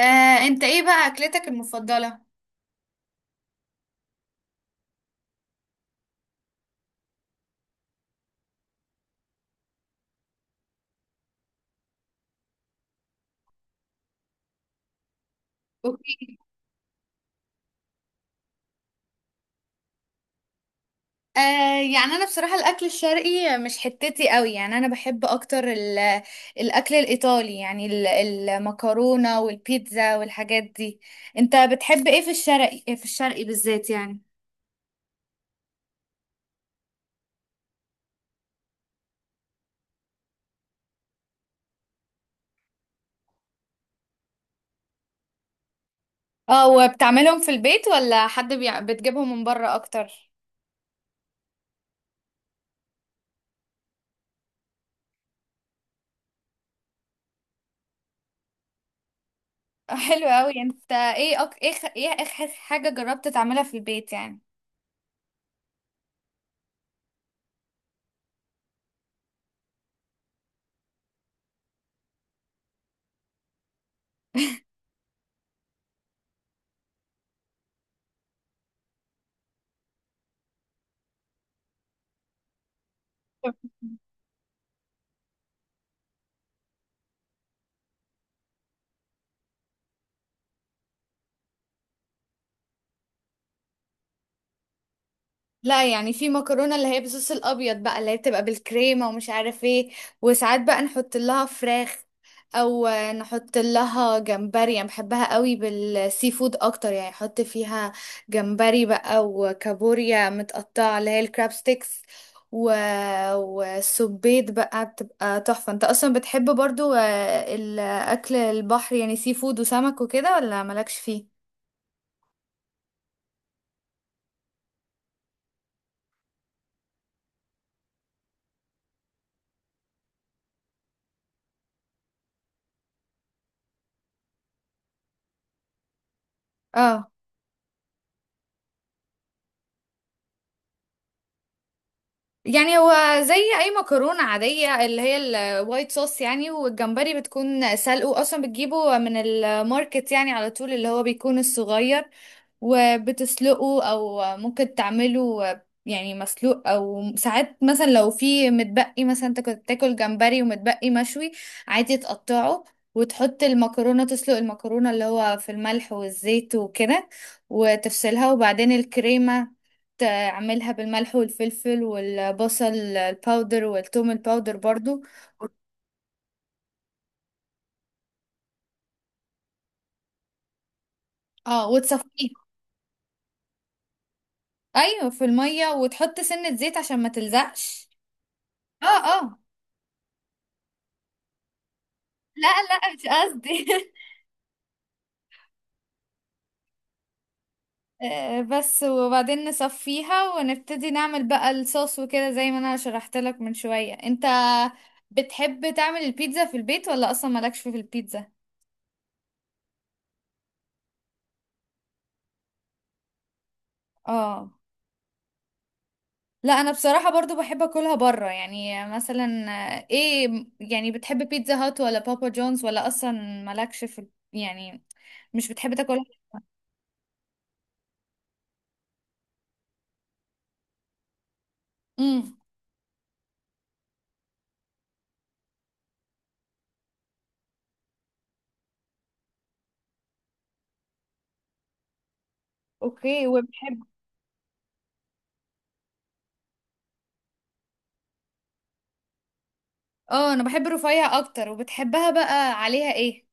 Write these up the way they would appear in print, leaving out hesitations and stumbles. آه، انت ايه بقى اكلتك المفضلة؟ اوكي. آه يعني انا بصراحة الاكل الشرقي مش حتتي قوي، يعني انا بحب اكتر الاكل الايطالي، يعني المكرونة والبيتزا والحاجات دي. انت بتحب ايه في الشرقي؟ إيه في الشرقي بالذات يعني؟ اه، وبتعملهم في البيت ولا حد بتجيبهم من بره اكتر؟ حلو قوي. انت ايه أك... ايه خ- ايه اخر حاجة جربت تعملها في البيت يعني؟ لا، يعني في مكرونه اللي هي بالصوص الابيض بقى، اللي هي بتبقى بالكريمه ومش عارف ايه. وساعات بقى نحط لها فراخ او نحط لها جمبري، يعني بحبها قوي بالسي فود اكتر، يعني احط فيها جمبري بقى وكابوريا متقطعه، اللي هي الكراب ستيكس، و... وسبيت بقى بتبقى تحفه. انت اصلا بتحب برضو الاكل البحر، يعني سي فود وسمك وكده، ولا مالكش فيه؟ اه. يعني هو زي اي مكرونه عاديه، اللي هي الوايت صوص يعني، والجمبري بتكون سلقه، اصلا بتجيبه من الماركت يعني على طول، اللي هو بيكون الصغير، وبتسلقه. او ممكن تعمله يعني مسلوق. او ساعات مثلا لو في متبقي، مثلا انت كنت تاكل جمبري ومتبقي مشوي، عادي تقطعه، وتحط المكرونة. تسلق المكرونة اللي هو في الملح والزيت وكده، وتفصلها، وبعدين الكريمة تعملها بالملح والفلفل والبصل الباودر والثوم الباودر برضو. اه، وتصفيه. ايوه، في المية، وتحط سنة زيت عشان ما تلزقش. اه، اه، لا، لا، مش قصدي. بس. وبعدين نصفيها ونبتدي نعمل بقى الصوص وكده زي ما انا شرحت لك من شوية. انت بتحب تعمل البيتزا في البيت ولا اصلا مالكش في البيتزا؟ اه، لا، انا بصراحة برضو بحب اكلها بره، يعني مثلا. ايه يعني، بتحب بيتزا هات ولا بابا جونز، ولا اصلا مالكش يعني مش بتحب تاكلها؟ امم. اوكي. وبحب. اه، انا بحب رفيع اكتر. وبتحبها بقى عليها ايه؟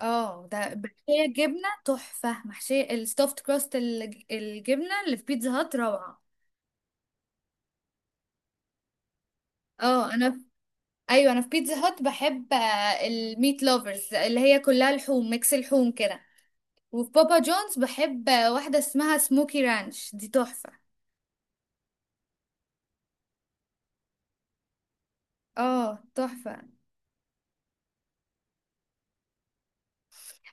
اه، ده محشية جبنة تحفة. محشية الستافت كراست، الجبنة اللي في بيتزا هات روعة. اه، ايوه، انا في بيتزا هات بحب الميت لوفرز، اللي هي كلها لحوم، ميكس لحوم كده. وفي بابا جونز بحب واحدة اسمها سموكي رانش، دي تحفة. اه، تحفة.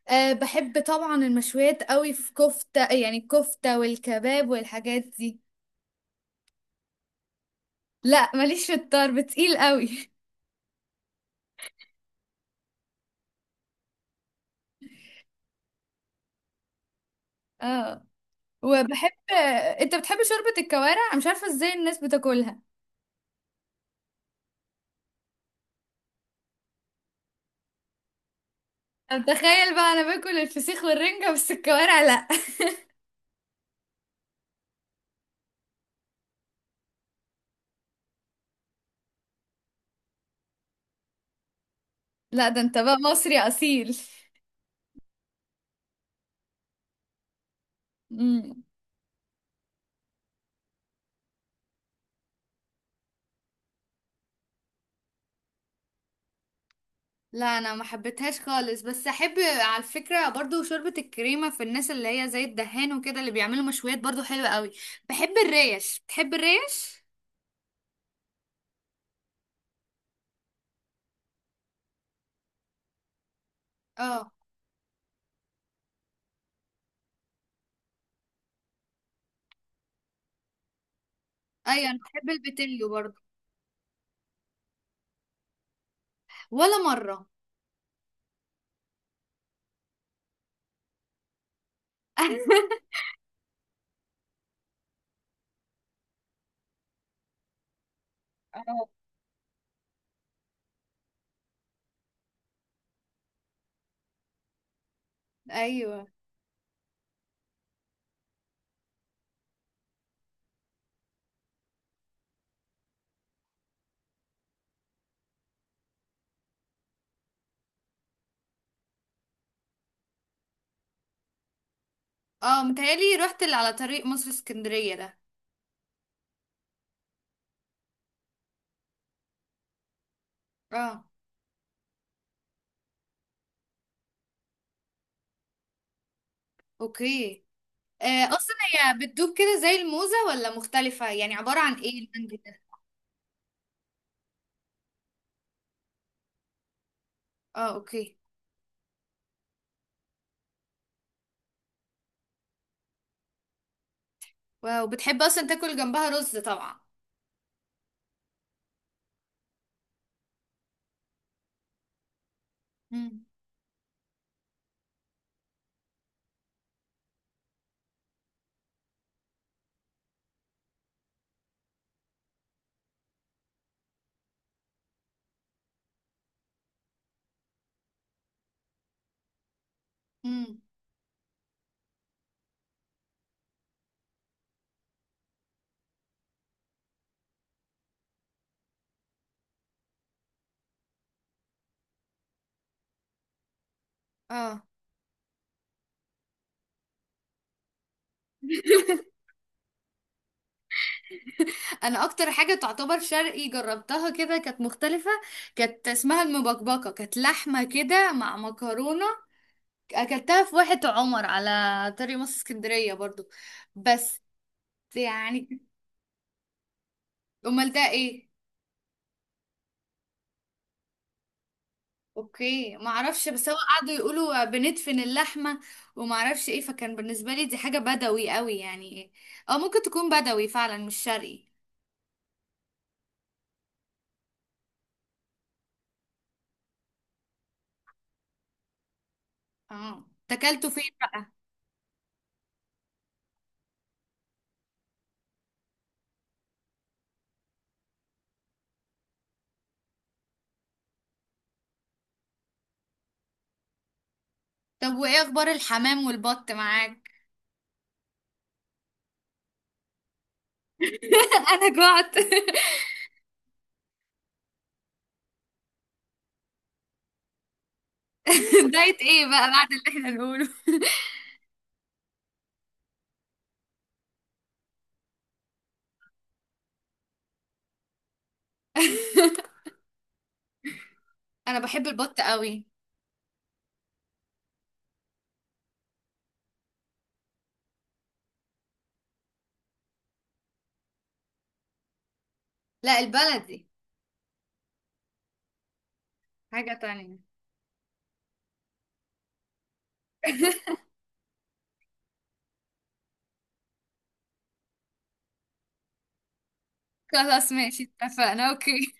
بحب طبعا المشويات قوي. في كفتة، يعني الكفتة والكباب والحاجات دي. لا، ماليش في الطرب، تقيل قوي. اه، وبحب. انت بتحب شوربة الكوارع؟ أنا مش عارفة ازاي الناس بتاكلها. طب تخيل بقى، انا باكل الفسيخ والرنجة بس الكوارع لا. لا، ده انت بقى مصري اصيل. امم. لا، انا ما حبيتهاش خالص، بس احب. على فكره برضو، شوربه الكريمه في الناس اللي هي زي الدهان وكده، اللي بيعملوا مشويات برضو حلوه قوي. بحب الريش. بتحب الريش؟ اه، ايوه، انا بحب البتنجو برضو. ولا مره. اه، ايوه، اه، متهيألي رحت اللي على طريق مصر اسكندريه ده. اه، اوكي. اصلا هي بتدوب كده زي الموزة ولا مختلفة؟ يعني عبارة عن ايه المانجا ده؟ اه، اوكي. واو. بتحب اصلا تاكل جنبها رز طبعا. امم، امم. اه، انا اكتر حاجة تعتبر شرقي جربتها كده كانت مختلفة. كانت اسمها المبكبكة، كانت لحمة كده مع مكرونة. اكلتها في واحة عمر على طريق مصر اسكندرية برضو. بس يعني. امال ده ايه؟ اوكي، ما اعرفش. بس هو قعدوا يقولوا بندفن اللحمه وما اعرفش ايه، فكان بالنسبه لي دي حاجه بدوي قوي، يعني ايه. اه، ممكن تكون بدوي فعلا مش شرقي. اه، تاكلته فين بقى؟ طب، وايه اخبار الحمام والبط معاك؟ انا جعت. دايت ايه بقى بعد اللي احنا نقوله؟ انا بحب البط قوي. لا، البلدي. حاجه تانية. خلاص، ماشي، اتفقنا، اوكي.